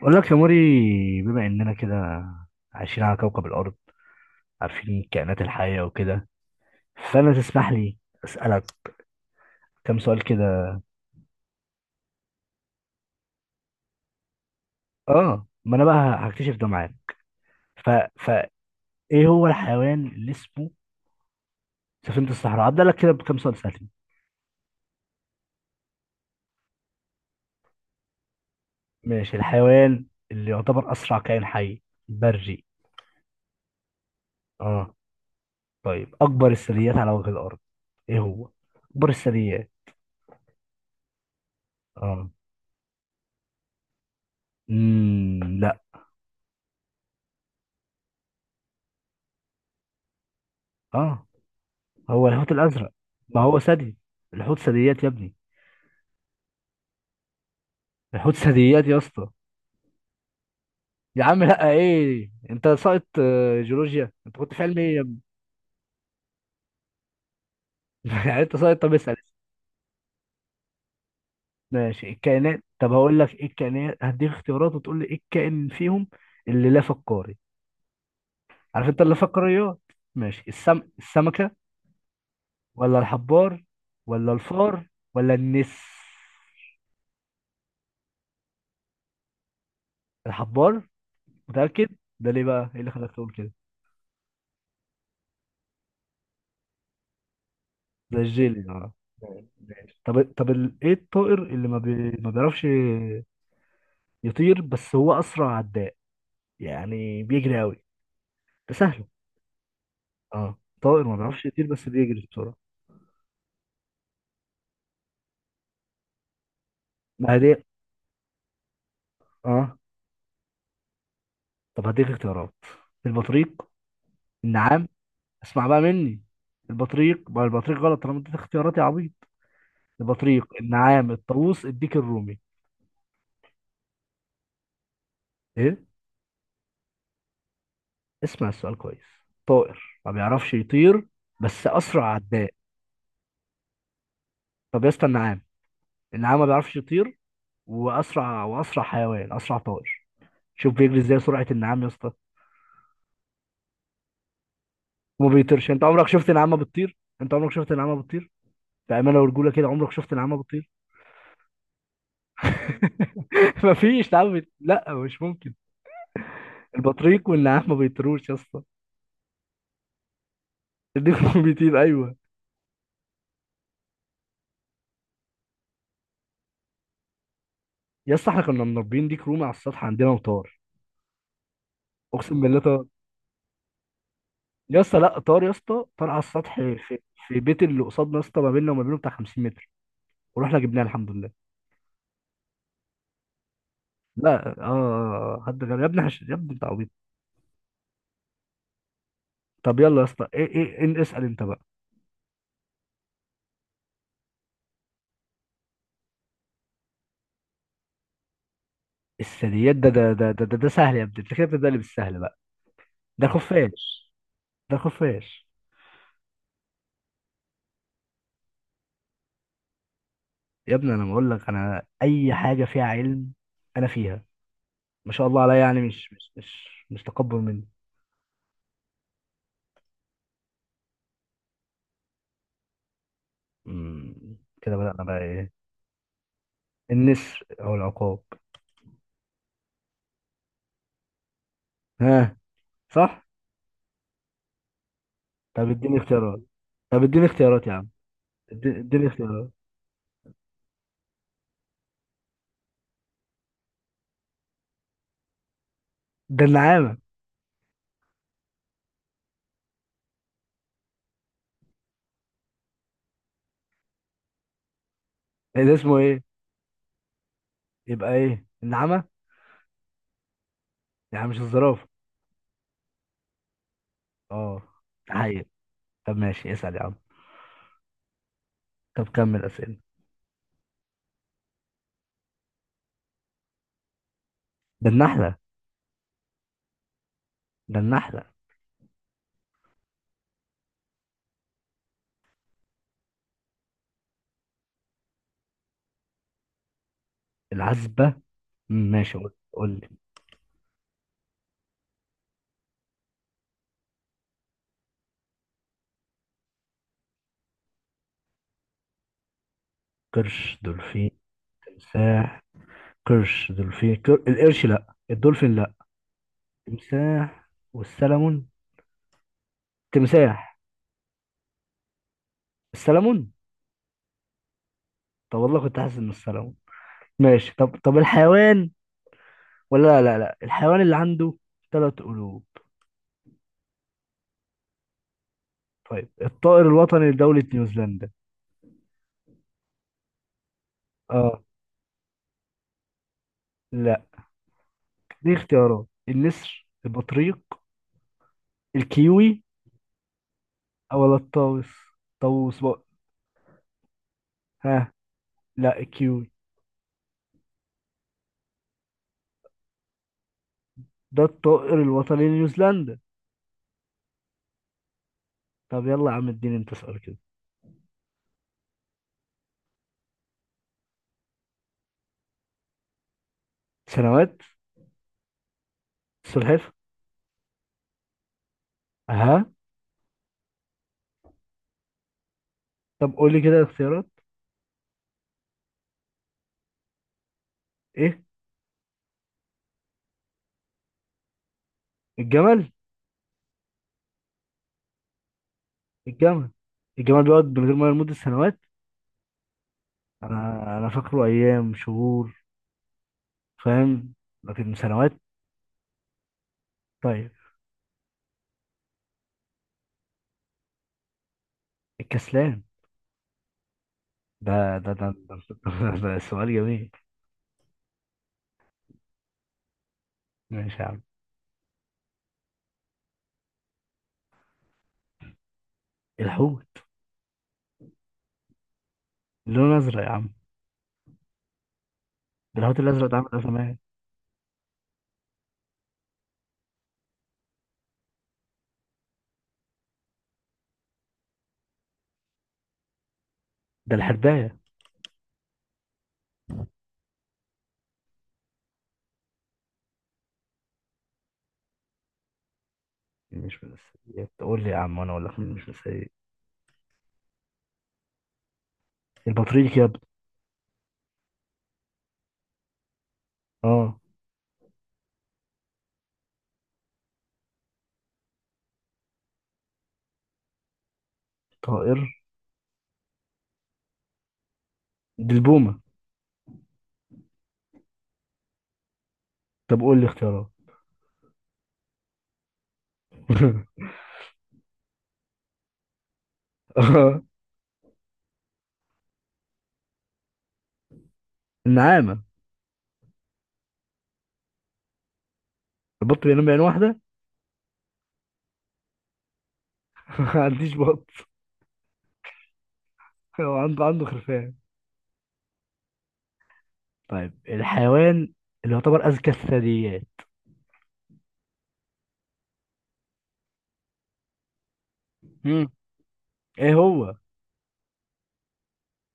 بقول لك يا موري، بما اننا كده عايشين على كوكب الارض، عارفين الكائنات الحيه وكده، فانا تسمح لي اسالك كم سؤال كده. اه، ما انا بقى هكتشف ده معاك. ف ف ايه هو الحيوان اللي اسمه سفينه الصحراء؟ هبدا لك كده بكم سؤال سهل. ماشي، الحيوان اللي يعتبر اسرع كائن حي بري؟ اه، طيب اكبر الثدييات على وجه الارض، ايه هو اكبر الثدييات؟ اه، لا. اه، هو الحوت الازرق. ما هو ثدي، الحوت ثدييات يا ابني. بيحط ثدييات يا اسطى. يا عم لا، ايه انت ساقط؟ جيولوجيا، انت كنت في علم ايه يا ابني؟ يعني انت ساقط، طب اسال. ماشي، الكائنات. طب هقول لك ايه الكائنات، هديك اختيارات وتقول لي ايه الكائن فيهم اللي لا فقاري. عارف انت اللا فقاريات؟ ماشي، السمكه، ولا الحبار، ولا الفار، ولا النس. الحبار؟ متاكد؟ ده ليه بقى، ايه اللي خلاك تقول كده؟ ده الجيلي، اه. ماشي. طب ايه الطائر اللي ما بيعرفش يطير، بس هو اسرع عداء، يعني بيجري قوي، ده سهل. اه، طائر ما بيعرفش يطير بس بيجري بسرعه. ما هديك، اه. طب هديك اختيارات: البطريق، النعام. اسمع بقى مني، البطريق، ما البطريق غلط، انا مديت اختيارات يا عبيط. البطريق، النعام، الطاووس، الديك الرومي. ايه؟ اسمع السؤال كويس، طائر ما بيعرفش يطير بس اسرع عداء. طب يا اسطى النعام، النعام ما بيعرفش يطير، واسرع حيوان، اسرع طائر. شوف بيجري ازاي، سرعه النعام يا اسطى. وما بيطيرش، انت عمرك شفت نعامه بتطير؟ انت عمرك شفت نعامه بتطير؟ بامانه ورجوله كده، عمرك شفت نعامه بتطير؟ مفيش نعامه لا مش ممكن. البطريق والنعام ما بيطيروش يا اسطى. الديك بيطير، ايوه. يا اسطى، احنا كنا مربيين ديك رومي على السطح عندنا وطار. اقسم بالله طار. يا اسطى لا، طار يا اسطى، طار على السطح في بيت اللي قصادنا، يا اسطى ما بيننا وما بينه بتاع 50 متر، ورحنا جبناه الحمد لله. لا، اه. حد غير يا ابني، يا ابني انت عبيط. طب يلا يا اسطى، ايه؟ اسال انت بقى. الثدييات، ده سهل يا ابني، انت كده بتبدأ لي بالسهل بقى. ده خفاش، ده خفاش. يا ابني، انا بقول لك انا اي حاجه فيها علم، انا فيها. ما شاء الله عليا، يعني مش تكبر مني. كده بدأنا بقى ايه؟ النسر او العقاب. ها؟ صح. طب اديني اختيارات. طب اديني اختيارات يا عم. اديني اختيارات. ده النعامه. إيه ده اسمه ايه؟ يبقى ايه، النعامه؟ يعني مش الزرافه؟ اه، حقيقي. طب ماشي، اسأل يا عم. طب كمل اسئله. ده النحله، ده النحلة. العزبة. ماشي، قول لي. قرش، دولفين، تمساح. قرش، دولفين، القرش لا، الدولفين لا، تمساح والسلمون. تمساح، السلمون. طب والله كنت حاسس انه السلمون. ماشي. طب الحيوان، ولا لا لا لا الحيوان اللي عنده ثلاث قلوب. طيب، الطائر الوطني لدولة نيوزيلندا. اه لا، دي اختيارات: النسر، البطريق، الكيوي، او ولا الطاووس. طاووس بقى؟ ها؟ لا، الكيوي. ده الطائر الوطني لنيوزيلندا. طب يلا يا عم، اديني انت سؤال كده. سنوات. السلحفة. اها. طب قول لي كده الاختيارات، ايه؟ الجمل. الجمل. الجمل بيقعد من غير ميه لمدة سنوات. انا فاكره ايام شهور، فاهم، لكن سنوات. طيب، الكسلان. ده ده ده سؤال جميل. ماشي يا عم. الحوت. لونه ازرق يا عم، ده الحوت الازرق، ده عامل ازمه. ده الحرباية. مش من الثدييات؟ قول لي يا عم وانا اقول لك مين مش من الثدييات. البطريق يا ابني. اه، طائر. دي البومة. طب قول لي اختيارات. آه، النعامة. البط بينام بعين واحدة. ما عنديش بط. هو عنده خرفان. طيب، الحيوان اللي يعتبر أذكى الثدييات. مم. ايه هو؟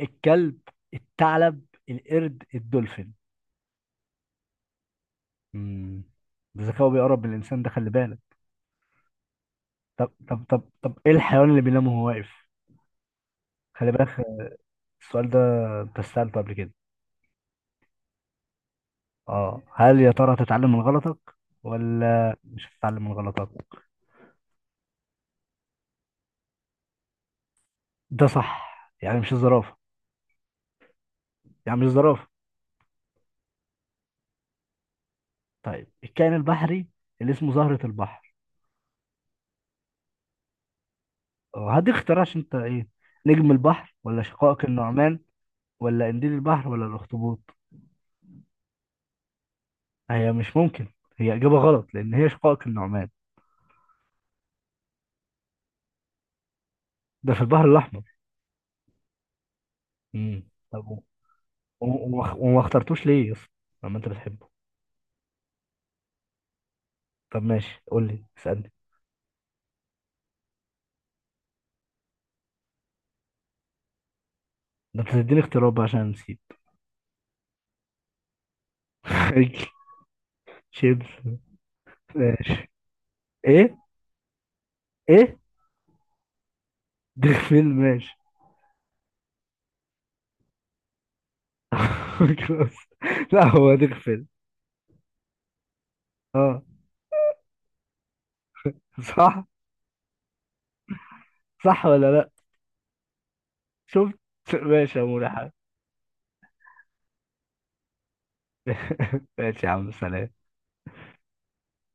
الكلب، الثعلب، القرد، الدولفين. امم ذكاؤه بيقرب من الإنسان، ده خلي بالك. طب ايه الحيوان اللي بينام وهو واقف؟ خلي بالك. السؤال ده انت سألته قبل كده. اه، هل يا ترى هتتعلم من غلطك ولا مش هتتعلم من غلطك؟ ده صح، يعني مش الزرافة، يعني مش الزرافة. طيب، الكائن البحري اللي اسمه زهرة البحر. هديك اختيار عشان انت ايه. نجم البحر، ولا شقائق النعمان، ولا قنديل البحر، ولا الأخطبوط؟ هي مش ممكن، هي إجابة غلط لأن هي شقائق النعمان. ده في البحر الأحمر. طب وما اخترتوش ليه يا اسطى، لما انت بتحبه؟ طب ماشي، قول لي اسألني. ده انت تديني اختيارات بقى عشان نسيت. شيبس. ماشي. ايه؟ ايه؟ دغفل. ماشي. خلاص. لا، هو دغفل. اه. صح. صح ولا لا؟ شفت؟ ماشي يا مولى حبيبي. ماشي يا عم، سلام.